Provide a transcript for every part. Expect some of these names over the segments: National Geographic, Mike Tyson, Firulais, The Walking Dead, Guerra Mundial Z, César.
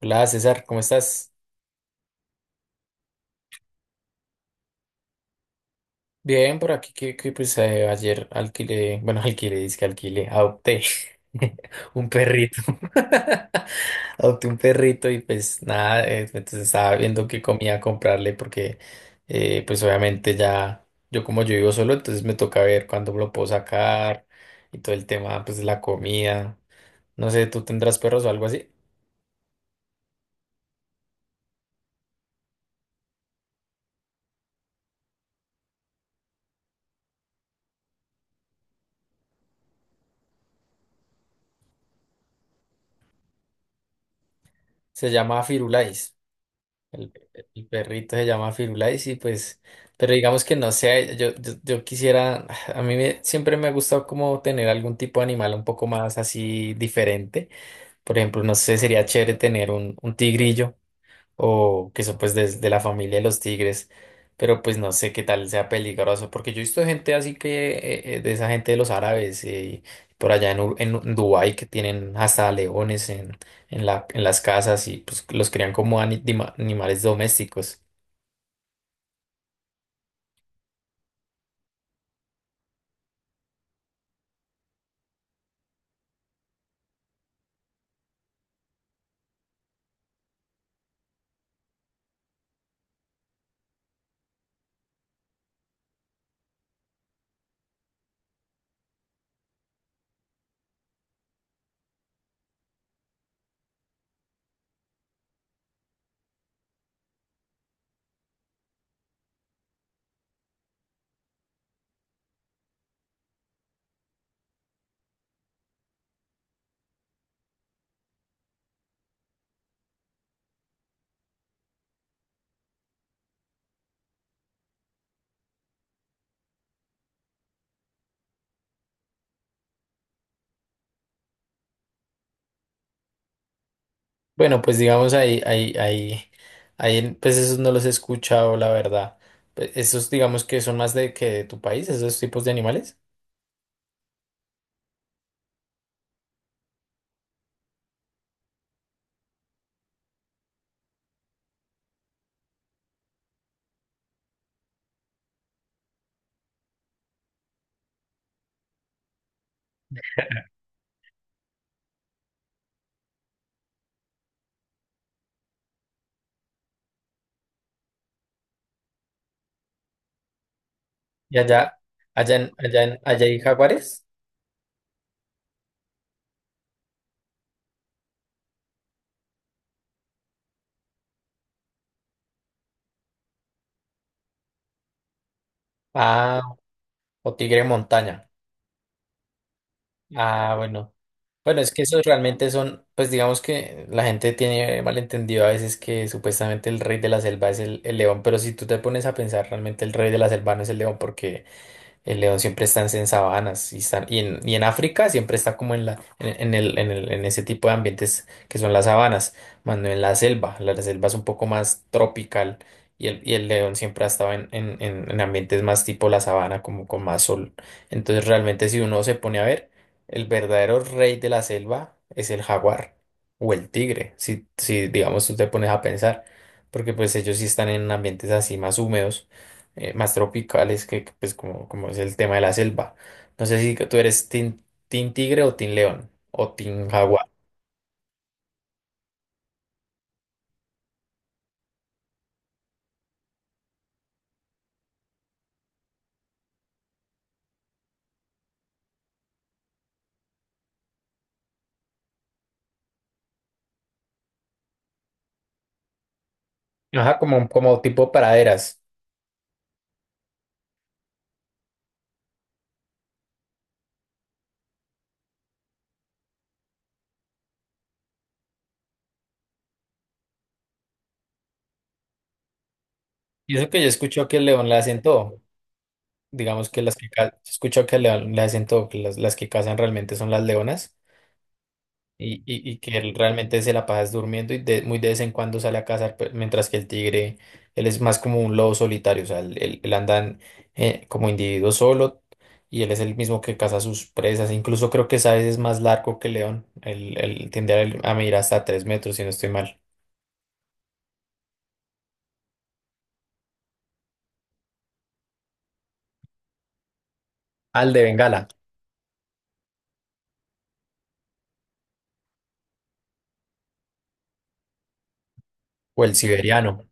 Hola César, ¿cómo estás? Bien, por aquí que ayer alquilé, bueno, alquilé, dizque alquilé, adopté un perrito. Adopté un perrito y pues nada, entonces estaba viendo qué comía comprarle porque pues obviamente ya, yo como yo vivo solo, entonces me toca ver cuándo lo puedo sacar y todo el tema pues de la comida. No sé, ¿tú tendrás perros o algo así? Se llama Firulais. El, el perrito se llama Firulais y pues, pero digamos que no sé, yo quisiera, a mí me- siempre me ha gustado como tener algún tipo de animal un poco más así diferente. Por ejemplo, no sé, sería chévere tener un tigrillo o que son pues de la familia de los tigres, pero pues no sé qué tal sea peligroso, porque yo he visto gente así que, de esa gente de los árabes, por allá en, en Dubái que tienen hasta leones en, en las casas y pues los crían como ani- dima- animales domésticos. Bueno, pues digamos ahí, en- pues esos no los he escuchado, la verdad. Pe- Esos digamos que son más de que de tu país, esos tipos de animales. Y allá, allá hay jaguares. Ah. O tigre montaña. Ah, bueno. Bueno, es que esos realmente son, pues digamos que la gente tiene malentendido a veces que supuestamente el rey de la selva es el león, pero si tú te pones a pensar, realmente el rey de la selva no es el león porque el león siempre está en sabanas y, está- y en África siempre está como en, la, en el, en el- en ese tipo de ambientes que son las sabanas, más no en la selva. La selva es un poco más tropical y el león siempre ha estado en ambientes más tipo la sabana, como con más sol. Entonces realmente si uno se pone a ver, el verdadero rey de la selva es el jaguar o el tigre, si digamos tú te pones a pensar, porque pues ellos sí están en ambientes así más húmedos más tropicales, pues como, como es el tema de la selva. No sé si tú eres team tigre o team león o team jaguar. Ajá, como, como tipo praderas. Y eso que yo escucho que el león le hacen todo. Digamos que las que ca- yo escucho que el león le hacen todo, que las que cazan realmente son las leonas. Y que él realmente se la pasa es durmiendo y de- muy de vez en cuando sale a cazar, pe- mientras que el tigre, él es más como un lobo solitario, o sea, él anda en- como individuo solo y él es el mismo que caza sus presas. Incluso creo que Sáez es más largo que León, él tiende a medir hasta 3 metros, si no estoy mal. Al de Bengala o el siberiano.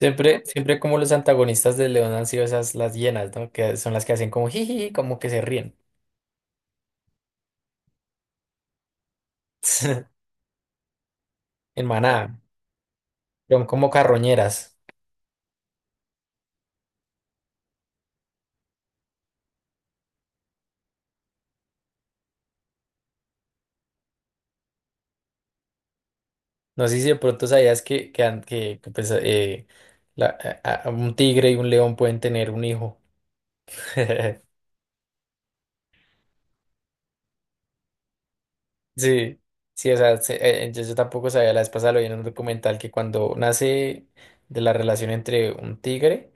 Siempre, siempre como los antagonistas de León han sido esas las hienas, ¿no? Que son las que hacen como jiji, como que se ríen en manada, son como carroñeras. No sé si de pronto sabías que, an- que, pues, la- a- un tigre y un león pueden tener un hijo. Sí, sí, o sea, se- yo, yo tampoco sabía, la vez pasada lo vi en un documental que cuando nace de la relación entre un tigre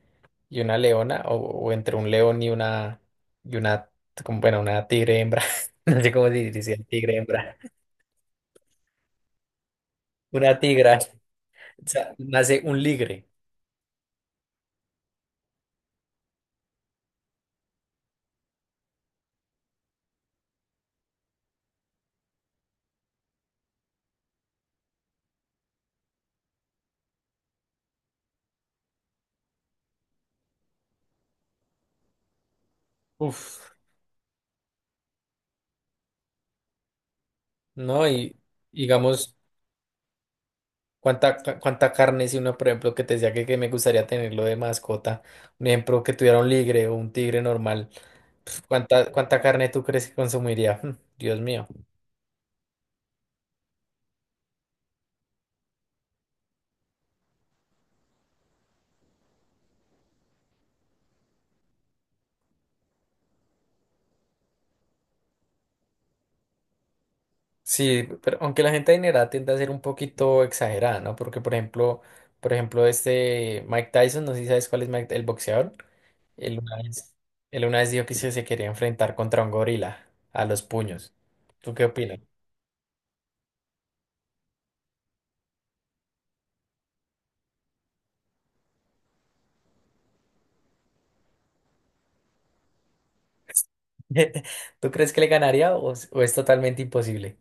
y una leona, o entre un león y una, como, bueno, una tigre hembra, no sé cómo se dice, tigre hembra, una tigra, o sea, nace un ligre. Uf, ¿no? Y digamos... ¿ cuánta carne si uno, por ejemplo, que te decía que me gustaría tenerlo de mascota? Un ejemplo, que tuviera un ligre o un tigre normal. Pf, cuánta carne tú crees que consumiría? Mm, Dios mío. Sí, pero aunque la gente adinerada tiende a ser un poquito exagerada, ¿no? Porque, por ejemplo, este Mike Tyson, no sé si sabes cuál es Mike, el boxeador. Él una vez, él una vez dijo que se quería enfrentar contra un gorila a los puños. ¿Tú qué opinas? ¿Tú crees que le ganaría o es totalmente imposible?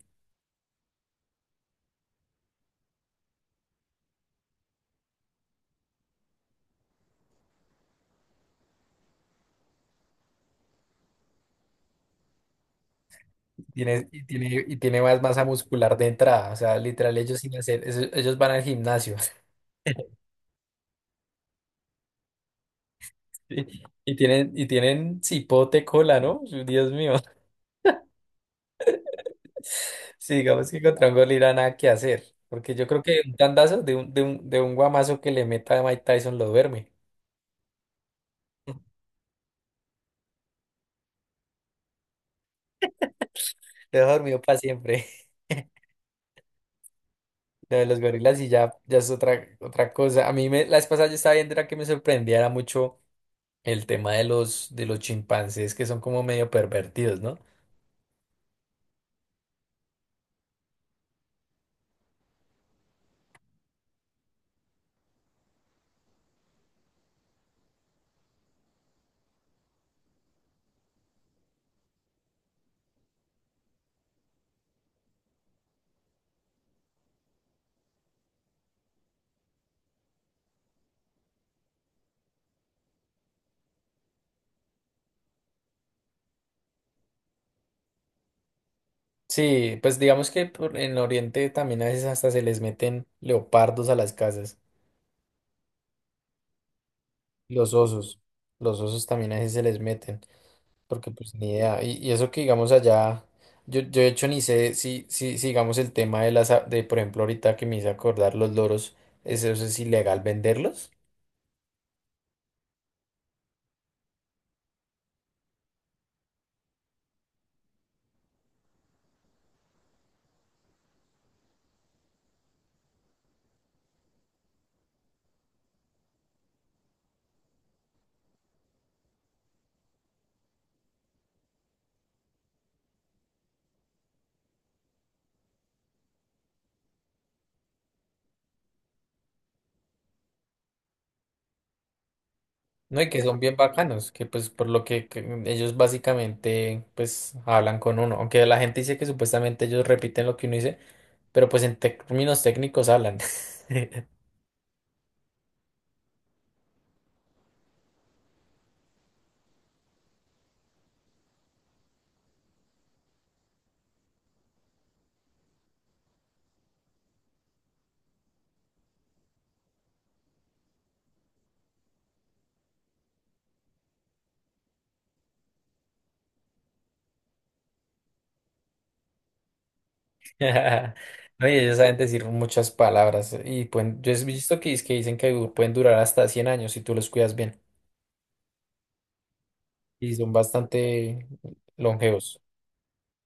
Tiene, y tiene más masa muscular de entrada. O sea, literal, ellos sin hacer, eso- ellos van al gimnasio. Y tienen cipote cola, ¿no? Dios mío. Sí, digamos que contra un gorila nada que hacer. Porque yo creo que un tandazo de de un guamazo que le meta a Mike Tyson lo duerme. Lo deja dormido para siempre. Lo de los gorilas y ya, ya es otra cosa. A mí me, la vez pasada yo estaba viendo era que me sorprendía era mucho el tema de de los chimpancés que son como medio pervertidos, ¿no? Sí, pues digamos que por- en Oriente también a veces hasta se les meten leopardos a las casas, los osos, los osos también a veces se les meten, porque pues ni idea, y eso que digamos allá, yo de hecho ni sé si digamos el tema de las, a- de por ejemplo ahorita que me hice acordar los loros, eso es ilegal venderlos, ¿no? Y que son bien bacanos, que pues por lo que ellos básicamente pues hablan con uno, aunque la gente dice que supuestamente ellos repiten lo que uno dice, pero pues en términos técnicos hablan. Oye, ellos saben decir muchas palabras y pueden, yo he visto que, es que dicen que du- pueden durar hasta 100 años si tú los cuidas bien y son bastante longevos.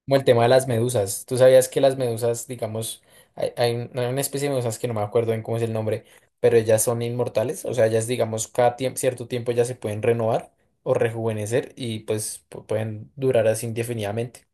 Como el tema de las medusas. ¿Tú sabías que las medusas, digamos, hay una especie de medusas que no me acuerdo bien cómo es el nombre, pero ellas son inmortales? O sea, ellas, digamos, cada tiemp- cierto tiempo ya se pueden renovar o rejuvenecer y pues pu- pueden durar así indefinidamente.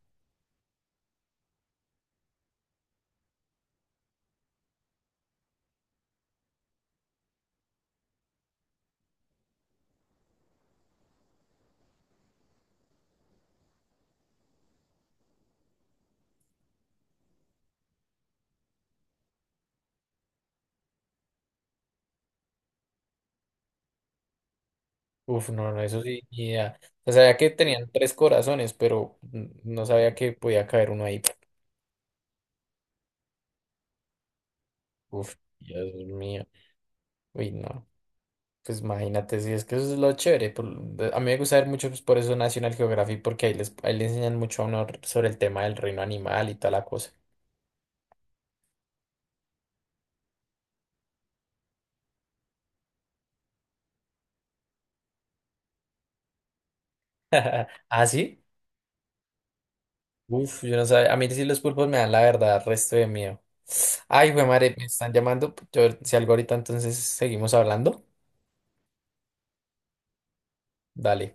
Uf, no, no, eso sí, ni idea. O sea, sabía que tenían 3 corazones, pero n- no sabía que podía caer uno ahí. Uf, Dios mío. Uy, no. Pues imagínate, si es que eso es lo chévere. Por- de- a mí me gusta ver mucho, pues, por eso National Geographic, porque ahí les, ahí le enseñan mucho a uno r- sobre el tema del reino animal y toda la cosa. ¿Ah, sí? Uf, yo no sabía. A mí sí los pulpos me dan la verdad, resto de miedo. Ay, güey, madre, me están llamando. Yo, si algo ahorita, entonces seguimos hablando. Dale.